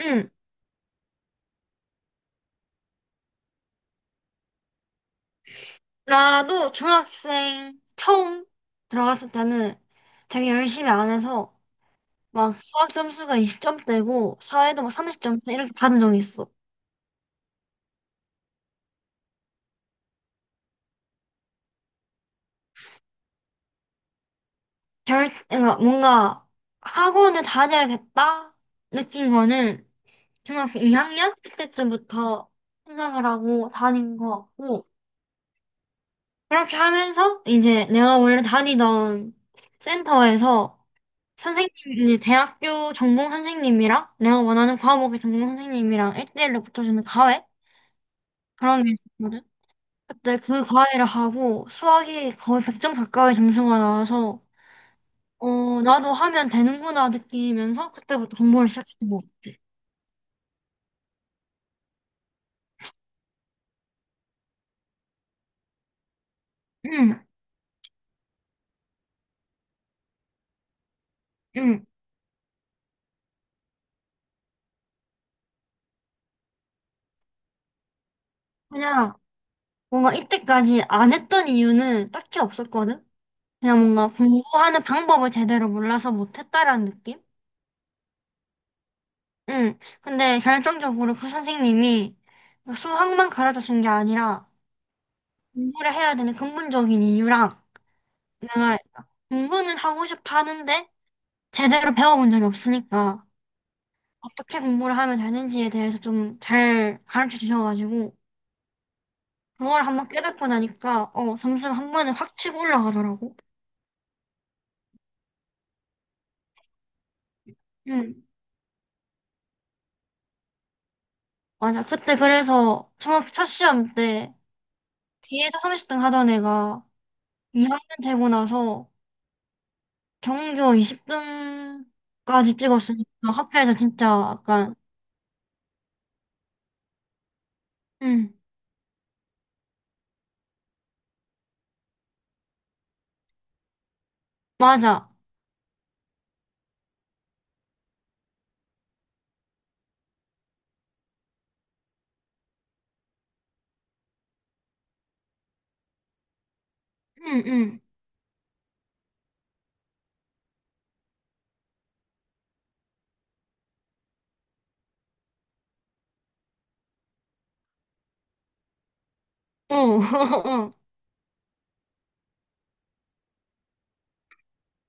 응, 나도 중학생 처음 들어갔을 때는 되게 열심히 안 해서 막 수학 점수가 20점대고 사회도 막 30점대 이렇게 받은 적이 있어. 그러니까 뭔가 학원을 다녀야겠다 느낀 거는 중학교 2학년 그때쯤부터 생각을 하고 다닌 것 같고, 그렇게 하면서 이제 내가 원래 다니던 센터에서 선생님이 대학교 전공 선생님이랑 내가 원하는 과목의 전공 선생님이랑 1대1로 붙여주는 과외? 그런 게 있었거든. 그때 그 과외를 하고 수학이 거의 100점 가까이 점수가 나와서 어 나도 하면 되는구나 느끼면서 그때부터 공부를 시작했던 것 같아. 응, 응. 그냥 뭔가 이때까지 안 했던 이유는 딱히 없었거든. 그냥 뭔가 공부하는 방법을 제대로 몰라서 못했다라는 느낌? 응. 근데 결정적으로 그 선생님이 수학만 가르쳐 준 게 아니라 공부를 해야 되는 근본적인 이유랑 내가 공부는 하고 싶어 하는데 제대로 배워본 적이 없으니까 어떻게 공부를 하면 되는지에 대해서 좀 잘 가르쳐 주셔가지고 그걸 한번 깨닫고 나니까 어, 점수가 한 번에 확 치고 올라가더라고. 응. 맞아. 그때 그래서 중학교 첫 시험 때 뒤에서 30등 하던 애가 2학년 되고 나서 정규어 20등까지 찍었으니까 학교에서 진짜 약간 응, 맞아.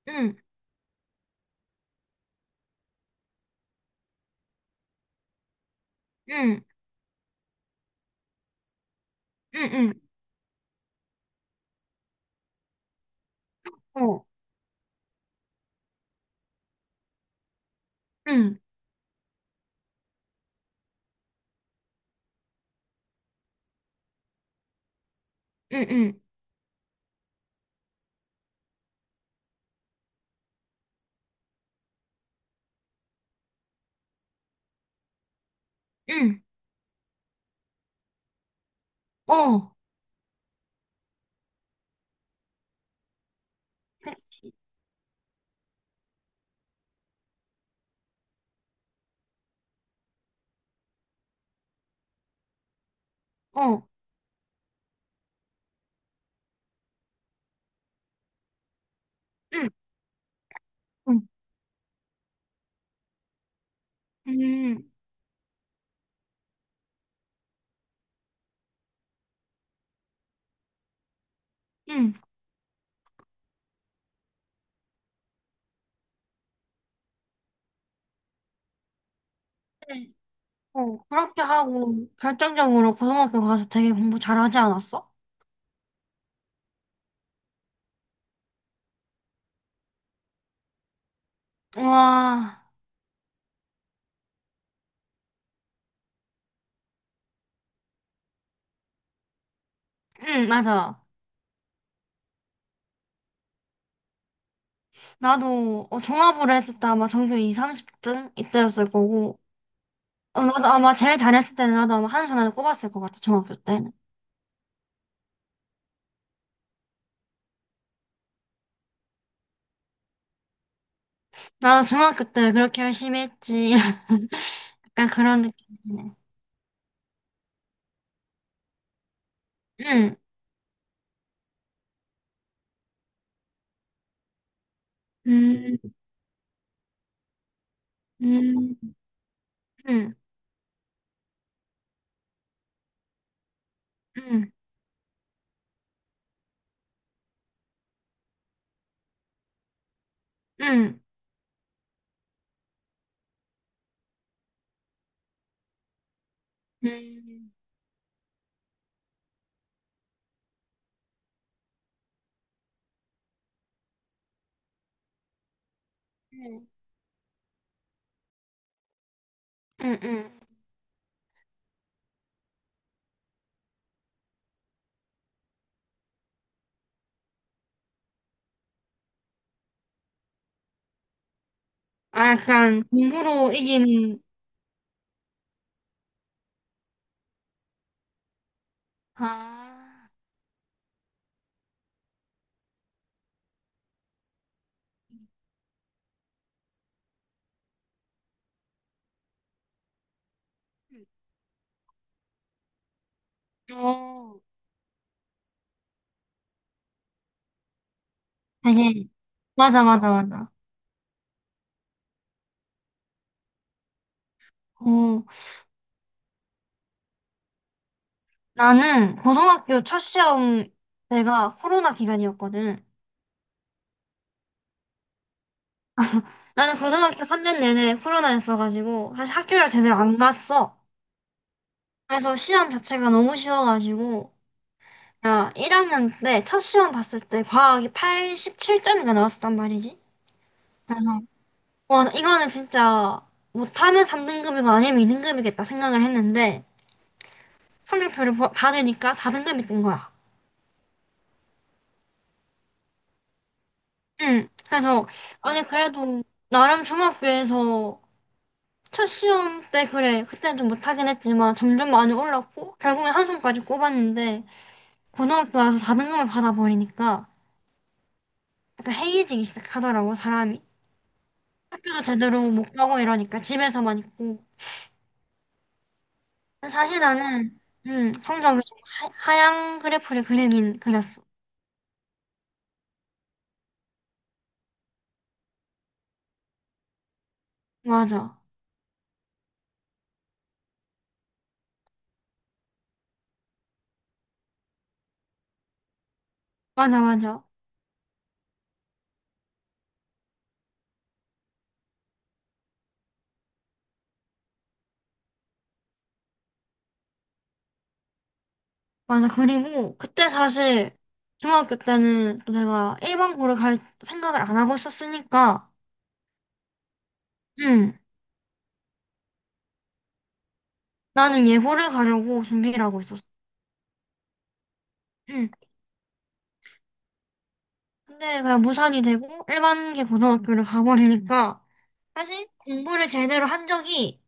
응응, 어응, 응, 응, 응응어, 응, 응, 응, 응어. 그렇지. 어응, 응, 응응응응응. 그렇게 하고 결정적으로 고등학교 가서 되게 공부 잘하지 않았어? 우와. 응, 맞아. 나도 어, 종합으로 했을 때 아마 정규어 20, 30등 이때였을 거고, 어, 나도 아마 제일 잘했을 때는 나도 아마 한손 안에 꼽았을 것 같아, 중학교 때는. 나도 중학교 때 그렇게 열심히 했지. 약간 그런 느낌이네. 응. 음. 음. 음. 음. 음. 음. 음. 음. 음. 아, 약간 공부로 이기는, 아, 어, 되게, 맞아, 맞아, 맞아. 어, 나는 고등학교 첫 시험 때가 코로나 기간이었거든. 나는 고등학교 3년 내내 코로나였어가지고 사실 학교를 제대로 안 갔어. 그래서 시험 자체가 너무 쉬워가지고 야 1학년 때 첫 시험 봤을 때 과학이 87점인가 나왔었단 말이지. 그래서 와 이거는 진짜 못하면 3등급이고 아니면 2등급이겠다 생각을 했는데 성적표를 받으니까 4등급이 뜬 거야. 응. 그래서 아니 그래도 나름 중학교에서 첫 시험 때 그래 그때는 좀 못하긴 했지만 점점 많이 올랐고 결국엔 한 손까지 꼽았는데 고등학교 와서 4등급을 받아버리니까 약간 해이해지기 시작하더라고, 사람이. 학교도 제대로 못 가고 이러니까 집에서만 있고. 사실 나는, 성적이 좀 하향 그래프를 그리긴 그렸어. 맞아. 맞아, 맞아. 맞아. 그리고 그때 사실 중학교 때는 또 내가 일반고를 갈 생각을 안 하고 있었으니까, 음, 나는 예고를 가려고 준비를 하고 있었어. 음. 근데 그냥 무산이 되고 일반계 고등학교를 가버리니까 사실 공부를 제대로 한 적이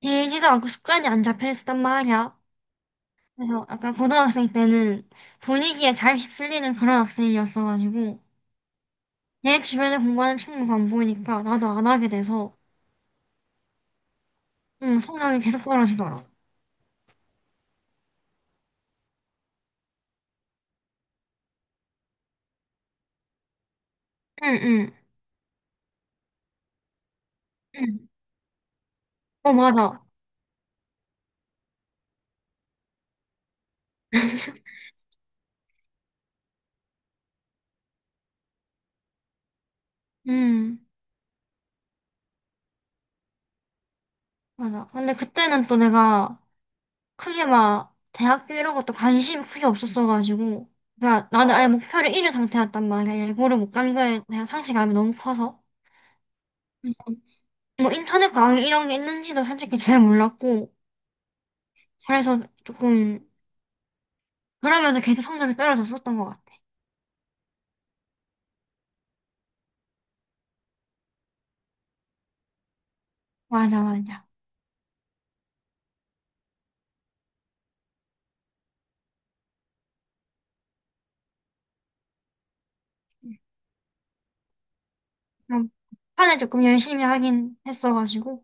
길지도 않고 습관이 안 잡혀 있었단 말이야. 그래서 약간 고등학생 때는 분위기에 잘 휩쓸리는 그런 학생이었어가지고 내 주변에 공부하는 친구가 안 보이니까 나도 안 하게 돼서 응, 성적이 계속 떨어지더라. 응, 응, 응. 어, 맞아. 응, 맞아. 근데 그때는 또 내가 크게 막 대학교 이런 것도 관심이 크게 없었어가지고 그러니까 나는 아예 어, 목표를 잃은 상태였단 말이야. 예고를 못 간 거에 대한 상실감이 너무 커서 음, 뭐 인터넷 강의 이런 게 있는지도 솔직히 잘 몰랐고 그래서 조금 그러면서 계속 성적이 떨어졌었던 것 같아. 맞아, 맞아. 그럼 판에 조금 열심히 하긴 했어가지고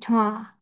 좋아.